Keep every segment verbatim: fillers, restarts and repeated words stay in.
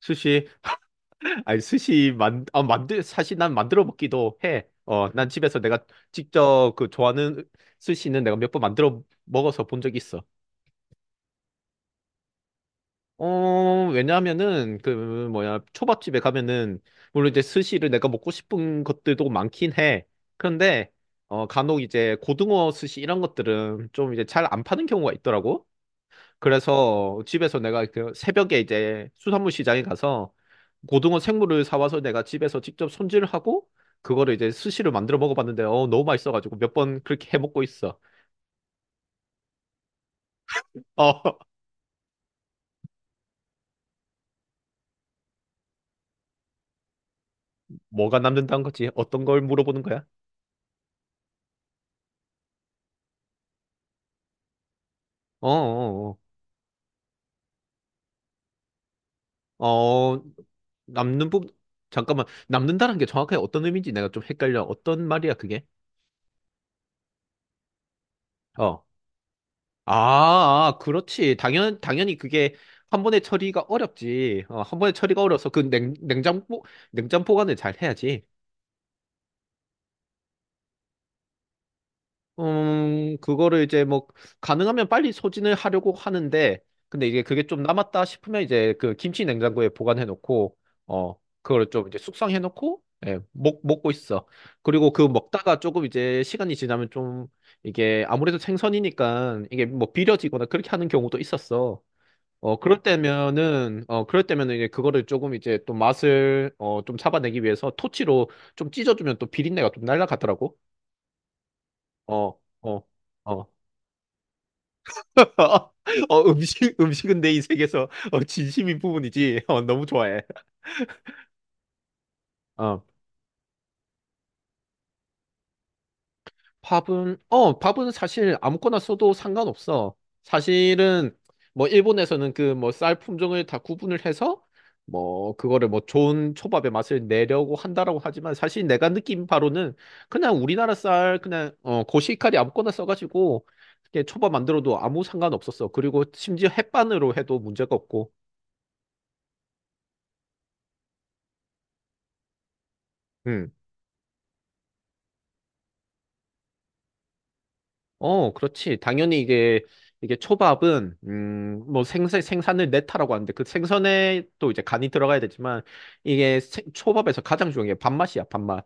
스시. 아니 스시 만 아, 만들 사실 난 만들어 먹기도 해. 어, 난 집에서 내가 직접 그 좋아하는 스시는 내가 몇 번 만들어 먹어서 본 적 있어. 어, 왜냐하면은 그 뭐야 초밥집에 가면은 물론 이제 스시를 내가 먹고 싶은 것들도 많긴 해. 그런데 어 간혹 이제 고등어 스시 이런 것들은 좀 이제 잘 안 파는 경우가 있더라고. 그래서 집에서 내가 그 새벽에 이제 수산물 시장에 가서 고등어 생물을 사와서 내가 집에서 직접 손질하고 그거를 이제 스시를 만들어 먹어봤는데 어, 너무 맛있어가지고 몇 번 그렇게 해 먹고 있어. 어, 뭐가 남는다는 거지? 어떤 걸 물어보는 거야? 어, 어, 어, 어, 남는 부 잠깐만 남는다는 게 정확하게 어떤 의미인지 내가 좀 헷갈려. 어떤 말이야 그게? 어. 아, 아, 그렇지. 당연, 당연히 그게 한 번에 처리가 어렵지. 어, 한 번에 처리가 어려서 그 냉, 냉장고, 냉장 보관을 잘 해야지. 음, 그거를 이제 뭐, 가능하면 빨리 소진을 하려고 하는데, 근데 이게 그게 좀 남았다 싶으면 이제 그 김치 냉장고에 보관해 놓고, 어, 그걸 좀 이제 숙성해 놓고, 예, 먹, 먹고 있어. 그리고 그 먹다가 조금 이제 시간이 지나면 좀 이게 아무래도 생선이니까 이게 뭐 비려지거나 그렇게 하는 경우도 있었어. 어, 그럴 때면은, 어, 그럴 때면은 이제 그거를 조금 이제 또 맛을, 어, 좀 잡아내기 위해서 토치로 좀 찢어주면 또 비린내가 좀 날라가더라고. 어, 어, 어. 어, 음식, 음식은 내 인생에서 어, 진심인 부분이지. 어, 너무 좋아해. 어. 밥은 어 밥은 사실 아무거나 써도 상관없어. 사실은 뭐 일본에서는 그 뭐 쌀 품종을 다 구분을 해서 뭐 그거를 뭐 좋은 초밥의 맛을 내려고 한다라고 하지만 사실 내가 느낀 바로는 그냥 우리나라 쌀 그냥 어 고시카리 아무거나 써가지고 이렇게 초밥 만들어도 아무 상관 없었어. 그리고 심지어 햇반으로 해도 문제가 없고. 음. 어, 그렇지. 당연히 이게, 이게 초밥은, 음, 뭐 생선, 생선을 냈다라고 하는데 그 생선에 또 이제 간이 들어가야 되지만 이게 생- 초밥에서 가장 중요한 게 밥맛이야, 밥맛.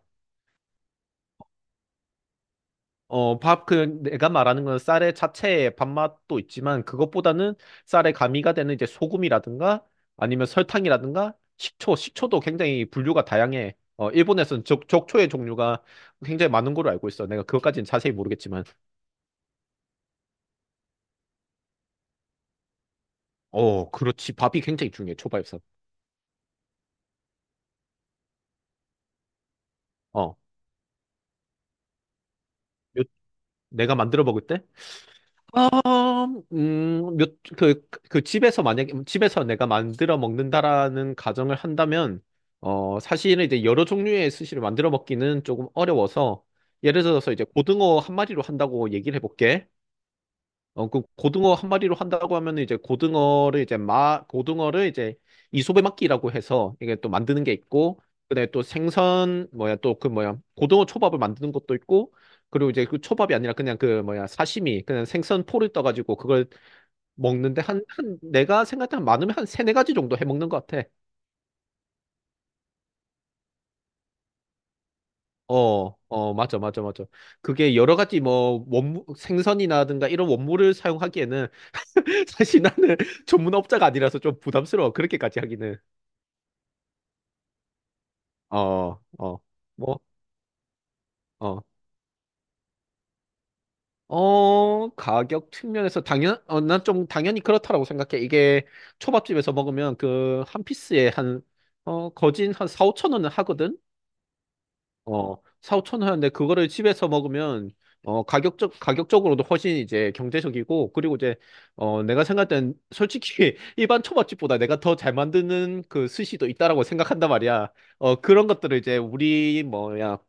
어, 밥, 그, 내가 말하는 건 쌀의 자체의 밥맛도 있지만 그것보다는 쌀에 가미가 되는 이제 소금이라든가 아니면 설탕이라든가 식초, 식초도 굉장히 분류가 다양해. 어, 일본에서는 적, 적초의 종류가 굉장히 많은 걸로 알고 있어. 내가 그것까지는 자세히 모르겠지만. 어, 그렇지. 밥이 굉장히 중요해, 초밥에서. 어. 내가 만들어 먹을 때? 아, 음, 몇, 그, 그 집에서 만약에, 집에서 내가 만들어 먹는다라는 가정을 한다면, 어, 사실은 이제 여러 종류의 스시를 만들어 먹기는 조금 어려워서, 예를 들어서 이제 고등어 한 마리로 한다고 얘기를 해볼게. 어, 그 고등어 한 마리로 한다고 하면 이제 고등어를 이제 마, 고등어를 이제 이소배막기라고 해서 이게 또 만드는 게 있고, 그다음에 또 생선, 뭐야, 또 그 뭐야, 고등어 초밥을 만드는 것도 있고, 그리고 이제 그 초밥이 아니라 그냥 그 뭐야, 사시미, 그냥 생선 포를 떠가지고 그걸 먹는데 한, 한, 내가 생각할 때한 많으면 한 세네 가지 정도 해 먹는 것 같아. 어, 어, 맞아, 맞아, 맞아. 그게 여러 가지 뭐, 원무, 생선이라든가 이런 원물을 사용하기에는 사실 나는 전문업자가 아니라서 좀 부담스러워. 그렇게까지 하기는. 어, 어, 뭐, 어, 어, 가격 측면에서 당연, 어, 난 좀 당연히 그렇다라고 생각해. 이게 초밥집에서 먹으면 그 한 피스에 한, 어, 거진 한 사, 오천 원은 하거든? 어, 사, 오천 원 하는데 그거를 집에서 먹으면, 어, 가격적, 가격적으로도 훨씬 이제 경제적이고, 그리고 이제, 어, 내가 생각할 땐 솔직히 일반 초밥집보다 내가 더 잘 만드는 그 스시도 있다라고 생각한단 말이야. 어, 그런 것들을 이제 우리 뭐야,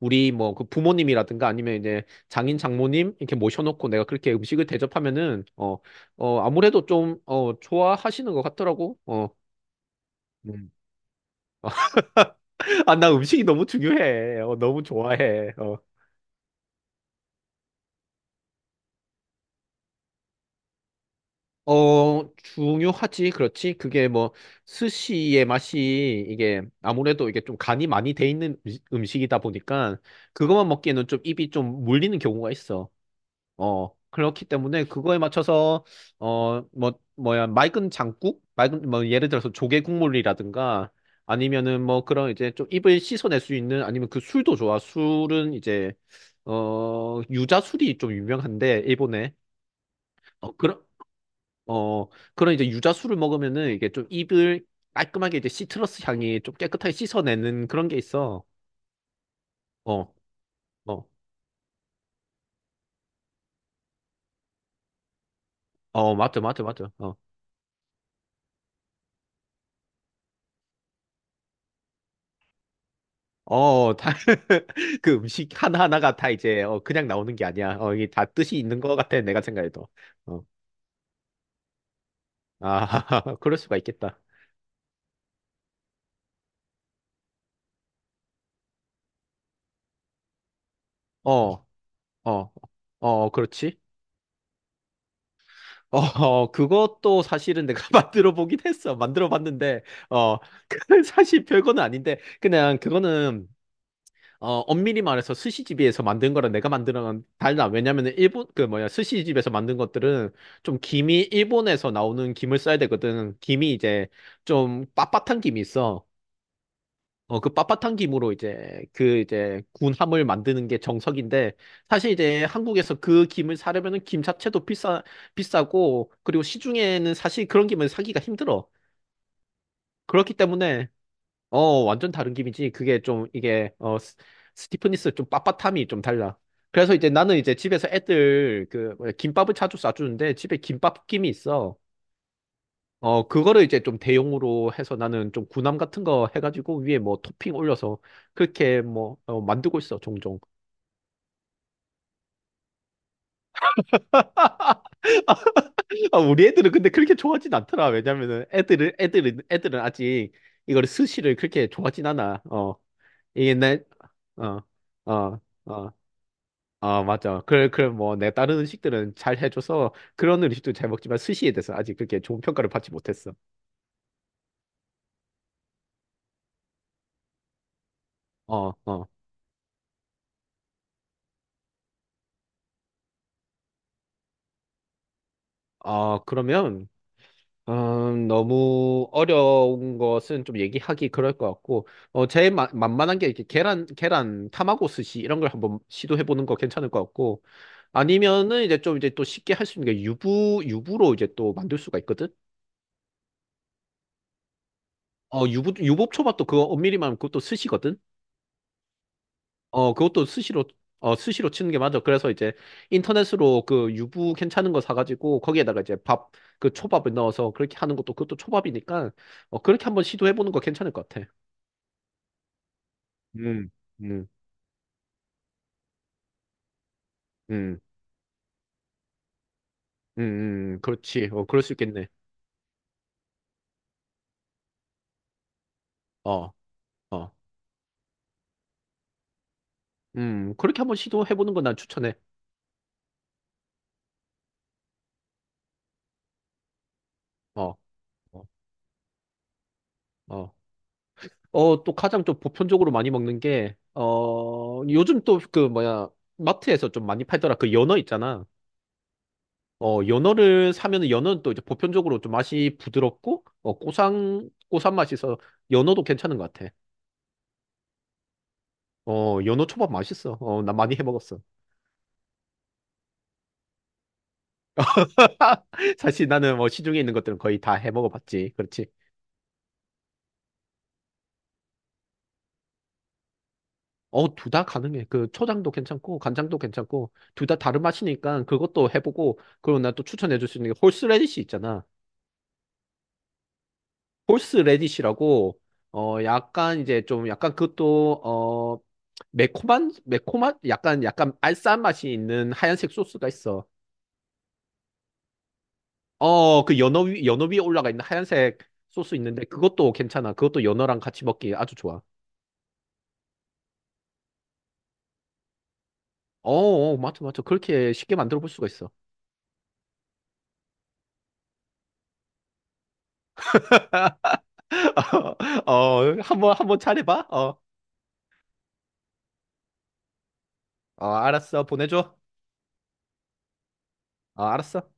우리 뭐 그 부모님이라든가 아니면 이제 장인 장모님 이렇게 모셔놓고 내가 그렇게 음식을 대접하면은 어, 어, 아무래도 좀, 어, 좋아하시는 것 같더라고. 어. 음. 아, 나 음식이 너무 중요해. 어, 너무 좋아해. 어. 어, 중요하지. 그렇지. 그게 뭐, 스시의 맛이 이게 아무래도 이게 좀 간이 많이 돼 있는 음식- 음식이다 보니까 그것만 먹기에는 좀 입이 좀 물리는 경우가 있어. 어, 그렇기 때문에 그거에 맞춰서, 어, 뭐, 뭐야, 맑은 장국? 맑은, 뭐, 예를 들어서 조개 국물이라든가, 아니면은 뭐 그런 이제 좀 입을 씻어낼 수 있는, 아니면 그 술도 좋아. 술은 이제, 어, 유자술이 좀 유명한데, 일본에. 어, 그런, 어, 그런 이제 유자술을 먹으면은 이게 좀 입을 깔끔하게 이제 시트러스 향이 좀 깨끗하게 씻어내는 그런 게 있어. 어, 어, 어, 맞죠, 맞죠, 맞죠. 어. 어, 어, 다, 그 음식 하나하나가 다 이제, 어, 그냥 나오는 게 아니야. 어, 이게 다 뜻이 있는 것 같아, 내가 생각해도. 어, 아, 그럴 수가 있겠다. 어, 어, 어, 어, 그렇지. 어, 어, 그것도 사실은 내가 만들어 보긴 했어. 만들어 봤는데, 어, 그 사실 별거는 아닌데, 그냥 그거는 어, 엄밀히 말해서 스시집에서 만든 거랑 내가 만드는 건 달라. 왜냐면은 일본, 그 뭐야, 스시집에서 만든 것들은 좀 김이 일본에서 나오는 김을 써야 되거든. 김이 이제 좀 빳빳한 김이 있어. 어, 그 빳빳한 김으로 이제 그 이제 군함을 만드는 게 정석인데 사실 이제 한국에서 그 김을 사려면은 김 자체도 비싸, 비싸고 그리고 시중에는 사실 그런 김을 사기가 힘들어. 그렇기 때문에 어, 완전 다른 김이지. 그게 좀, 이게, 어, 스- 스티프니스 좀 빳빳함이 좀 달라. 그래서 이제 나는 이제 집에서 애들 그, 뭐야, 김밥을 자주 싸주는데 집에 김밥 김이 있어. 어, 그거를 이제 좀 대용으로 해서 나는 좀 구남 같은 거 해가지고 위에 뭐 토핑 올려서 그렇게 뭐, 어, 만들고 있어, 종종. 아, 우리 애들은 근데 그렇게 좋아하진 않더라. 왜냐면은 애들은, 애들은, 애들은 아직 이거를 스시를 그렇게 좋아하진 않아. 어, 이게 내, 어, 어, 어. 아, 맞죠. 그래, 그래, 뭐, 내 다른 음식들은 잘 해줘서 그런 음식도 잘 먹지만 스시에 대해서 아직 그렇게 좋은 평가를 받지 못했어. 어, 어. 아, 그러면, 음, 너무 어려운 것은 좀 얘기하기 그럴 것 같고, 어, 제일 마- 만만한 게 이렇게 계란, 계란, 타마고 스시 이런 걸 한번 시도해보는 거 괜찮을 것 같고, 아니면은 이제 좀 이제 또 쉽게 할 수 있는 게 유부, 유부로 이제 또 만들 수가 있거든? 어, 유부, 유부초밥도 그거 엄밀히 말하면 그것도 스시거든? 어, 그것도 스시로, 어, 스시로 치는 게 맞아. 그래서 이제 인터넷으로 그 유부 괜찮은 거 사가지고 거기에다가 이제 밥, 그 초밥을 넣어서 그렇게 하는 것도 그것도 초밥이니까 어, 그렇게 한번 시도해보는 거 괜찮을 것 같아. 음, 음, 음, 음, 음, 그렇지. 어, 그럴 수 있겠네. 어, 어, 음, 그렇게 한번 시도해보는 건 난 추천해. 어, 어, 어. 어, 또 가장 좀 보편적으로 많이 먹는 게, 어, 요즘 또 그 뭐야, 마트에서 좀 많이 팔더라. 그 연어 있잖아. 어, 연어를 사면은 연어는 또 이제 보편적으로 좀 맛이 부드럽고, 어, 고상, 고산 맛이 있어서 연어도 괜찮은 것 같아. 어, 연어 초밥 맛있어. 어, 나 많이 해 먹었어. 사실 나는 뭐 시중에 있는 것들은 거의 다 해 먹어봤지. 그렇지. 어, 둘 다 가능해. 그 초장도 괜찮고, 간장도 괜찮고, 둘 다 다른 맛이니까 그것도 해보고, 그리고 난 또 추천해줄 수 있는 게 홀스레디시 있잖아. 홀스 레디시라고 어 약간 이제 좀 약간 그것도 어 매콤한 매콤한 약간 약간 알싸한 맛이 있는 하얀색 소스가 있어. 어 그 연어 위 연어 위에 올라가 있는 하얀색 소스 있는데 그것도 괜찮아. 그것도 연어랑 같이 먹기 아주 좋아. 어, 어 맞죠, 맞죠. 그렇게 쉽게 만들어 볼 수가 있어. 어 한번 한번 잘해봐. 어, 어 알았어, 보내줘. 어 알았어.